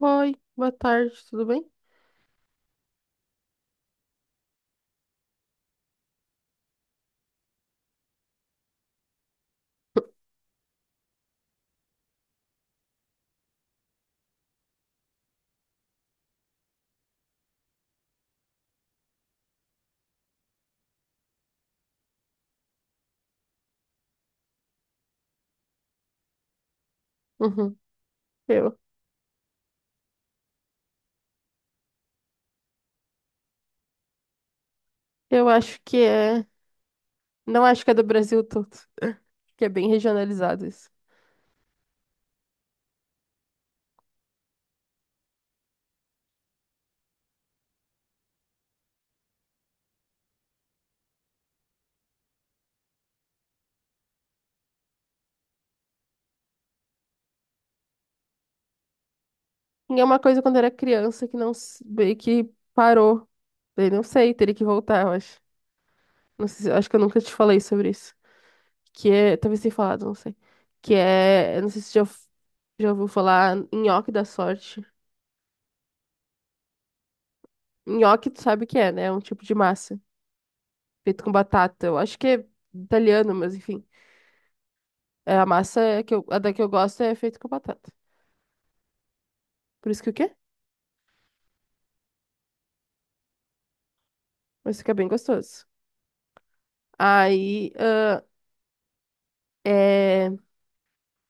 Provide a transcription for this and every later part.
Oi, boa tarde, tudo bem? Uhum. Eu, eu acho que é. Não acho que é do Brasil todo, que é bem regionalizado isso. E é uma coisa quando era criança que não meio que parou. Daí não sei, teria que voltar, eu acho. Não sei, acho que eu nunca te falei sobre isso. Que é. Talvez tenha falado, não sei. Que é, eu não sei se já, já ouviu falar nhoque da sorte. Nhoque, tu sabe o que é, né? É um tipo de massa feito com batata. Eu acho que é italiano, mas enfim. É, a massa a da que eu gosto é feita com batata. Por isso que o quê? Mas fica bem gostoso. Aí, é,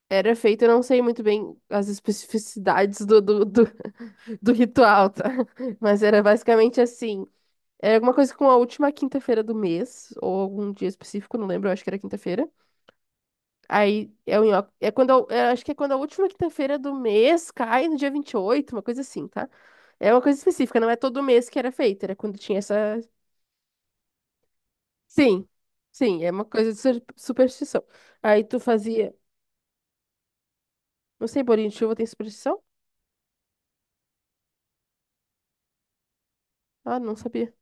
era feito, eu não sei muito bem as especificidades do ritual, tá? Mas era basicamente assim. É alguma coisa com a última quinta-feira do mês, ou algum dia específico, não lembro, eu acho que era quinta-feira. Aí é o nhoque. É quando, acho que é quando a última quinta-feira do mês cai no dia 28 uma coisa assim, tá? É uma coisa específica, não é todo mês que era feito, era quando tinha essa. Sim, sim, é uma coisa de superstição. Aí tu fazia, não sei, bolinho de chuva tem superstição? Ah, não sabia.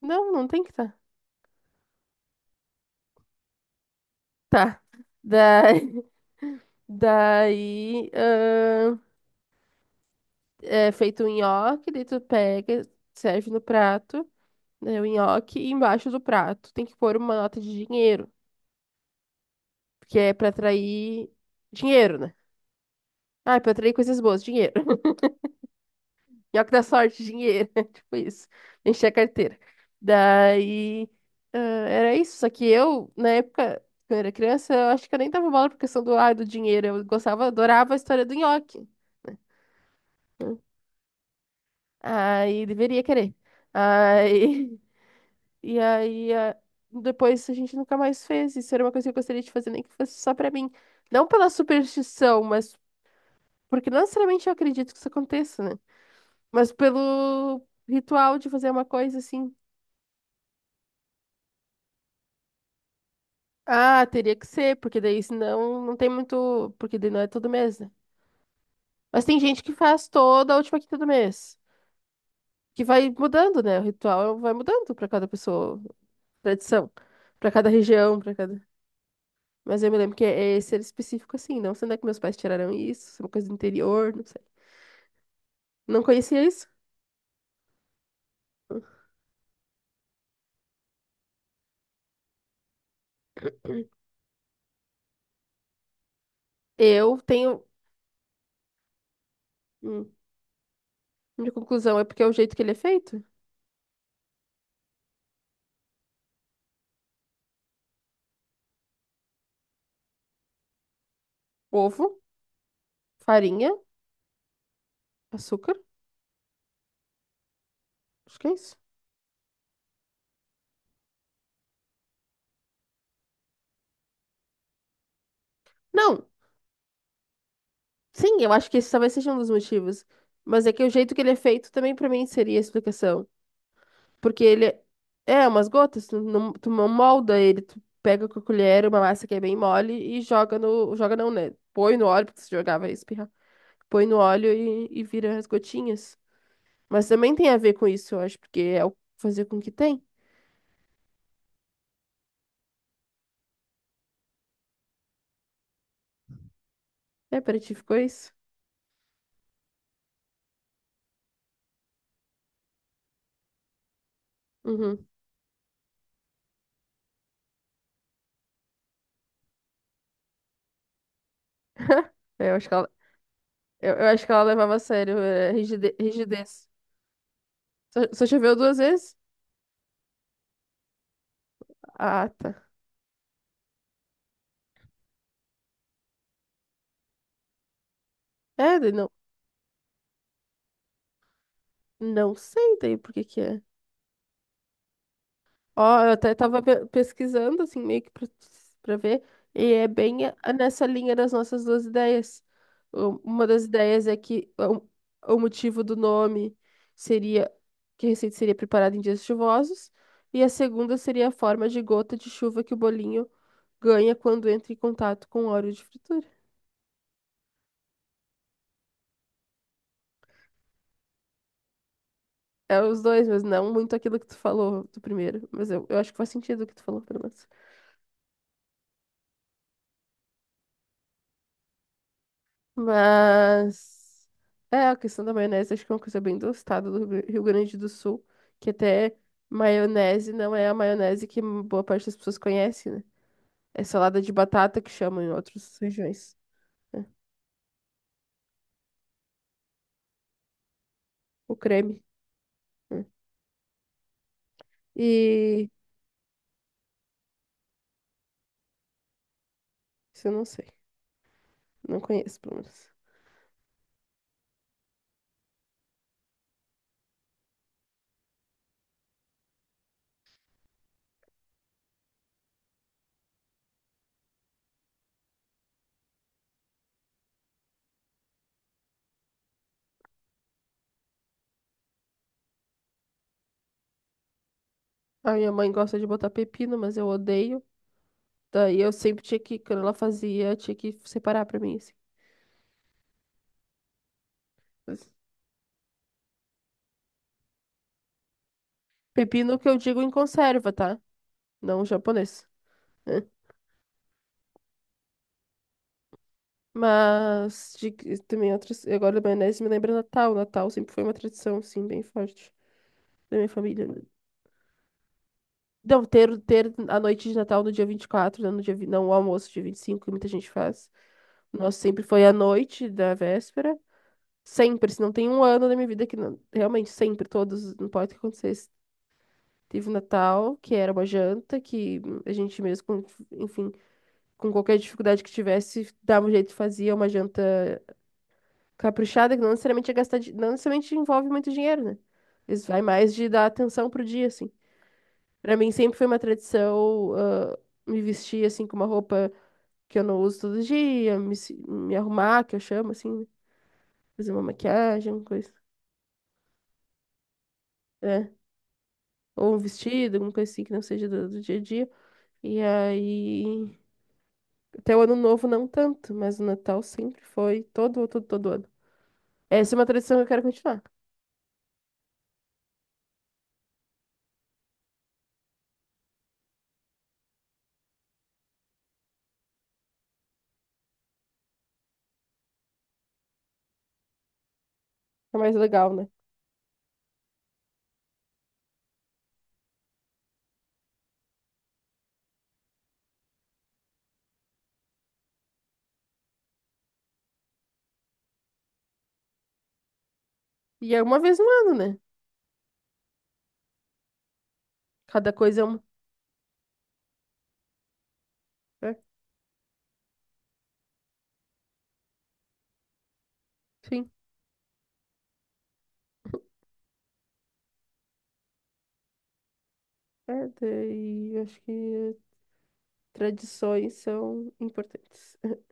Não, não tem que tá. Tá. Daí, Daí é feito um nhoque, daí tu pega, serve no prato, né, o nhoque, e embaixo do prato tem que pôr uma nota de dinheiro, que é pra atrair dinheiro, né? Ah, é pra atrair coisas boas, dinheiro. Nhoque da sorte, dinheiro. Tipo isso. Encher a carteira. Daí, era isso. Só que eu, na época, quando eu era criança, eu acho que eu nem dava bola por questão do dinheiro. Eu gostava, adorava a história do nhoque. Né? Aí, deveria querer. Aí, e aí, depois a gente nunca mais fez. Isso era uma coisa que eu gostaria de fazer, nem que fosse só pra mim. Não pela superstição, mas porque não necessariamente eu acredito que isso aconteça, né? Mas pelo ritual de fazer uma coisa assim. Ah, teria que ser, porque daí senão não tem muito. Porque daí não é todo mês, né? Mas tem gente que faz toda a última quinta do mês. Que vai mudando, né? O ritual vai mudando pra cada pessoa, tradição, pra cada região, pra cada. Mas eu me lembro que é esse era específico assim. Não sei onde é que meus pais tiraram isso, se é uma coisa do interior, não sei. Não conhecia isso. Eu tenho. hum, Minha conclusão é porque é o jeito que ele é feito: ovo, farinha, açúcar. Acho que é isso. Não! Sim, eu acho que esse talvez seja um dos motivos. Mas é que o jeito que ele é feito também pra mim seria a explicação. Porque ele é umas gotas, tu não molda ele, tu pega com a colher uma massa que é bem mole e joga no. Joga não, né? Põe no óleo, porque se jogar vai espirrar. Põe no óleo e vira as gotinhas. Mas também tem a ver com isso, eu acho, porque é o fazer com que tem. É, pra ti ficou isso? Uhum. É, eu acho que ela levava a sério, é, rigidez. Só choveu duas vezes? Ah, tá. É, daí não. Não sei daí por que que é. Ó, eu até tava pesquisando, assim, meio que pra ver, e é bem nessa linha das nossas duas ideias. Uma das ideias é que o motivo do nome seria que a receita seria preparada em dias chuvosos, e a segunda seria a forma de gota de chuva que o bolinho ganha quando entra em contato com o óleo de fritura. É os dois, mas não muito aquilo que tu falou do primeiro. Mas eu acho que faz sentido o que tu falou, pelo menos. Mas é a questão da maionese, acho que é uma coisa bem do estado do Rio Grande do Sul, que até maionese não é a maionese que boa parte das pessoas conhece, né? É salada de batata que chamam em outras regiões, né? O creme. Né? E isso eu não sei, não conheço, pelo menos. A minha mãe gosta de botar pepino, mas eu odeio. Daí eu sempre tinha que, quando ela fazia, tinha que separar pra mim, assim. Mas pepino que eu digo em conserva, tá? Não japonês. Né? Mas de, também outras. Agora a maionese me lembra Natal. Natal sempre foi uma tradição, assim, bem forte da minha família. Não, ter a noite de Natal no dia 24, né, no dia, não o almoço dia 25 que muita gente faz. O nosso sempre foi a noite da véspera. Sempre, se não tem um ano da minha vida que não, realmente sempre, todos, não importa o que acontecesse. Teve o Natal, que era uma janta, que a gente mesmo, enfim, com qualquer dificuldade que tivesse, dava um jeito, fazia uma janta caprichada, que não necessariamente é gastar, não necessariamente envolve muito dinheiro, né? Isso vai mais de dar atenção pro dia, assim. Pra mim sempre foi uma tradição me vestir, assim, com uma roupa que eu não uso todo dia, me, se- me arrumar, que eu chamo, assim, né? Fazer uma maquiagem, alguma coisa, né? Ou um vestido, alguma coisa assim que não seja do dia a dia. E aí, até o ano novo não tanto, mas o Natal sempre foi todo, todo, todo ano. Essa é uma tradição que eu quero continuar. É mais legal, né? E é uma vez no ano, né? Cada coisa é uma. Né? Sim, é daí, eu Acho que tradições são importantes.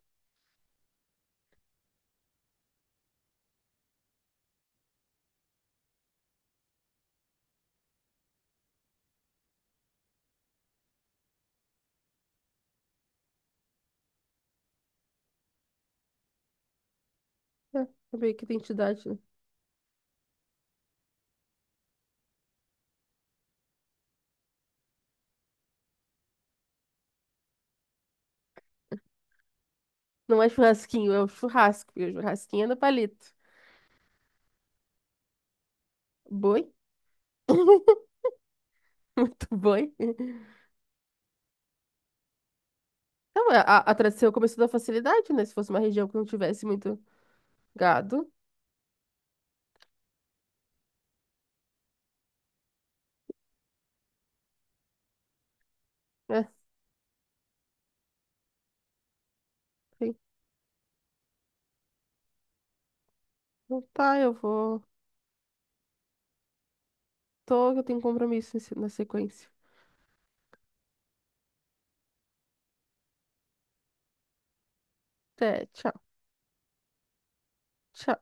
É, é meio que identidade, né? Não é churrasquinho, é o churrasco. E o churrasquinho é no palito. Boi? Muito boi. Não, a tradição começou da facilidade, né? Se fosse uma região que não tivesse muito gado. É, sim. Então tá, eu vou. Tô, eu tenho um compromisso na sequência. Até, tchau. Tchau.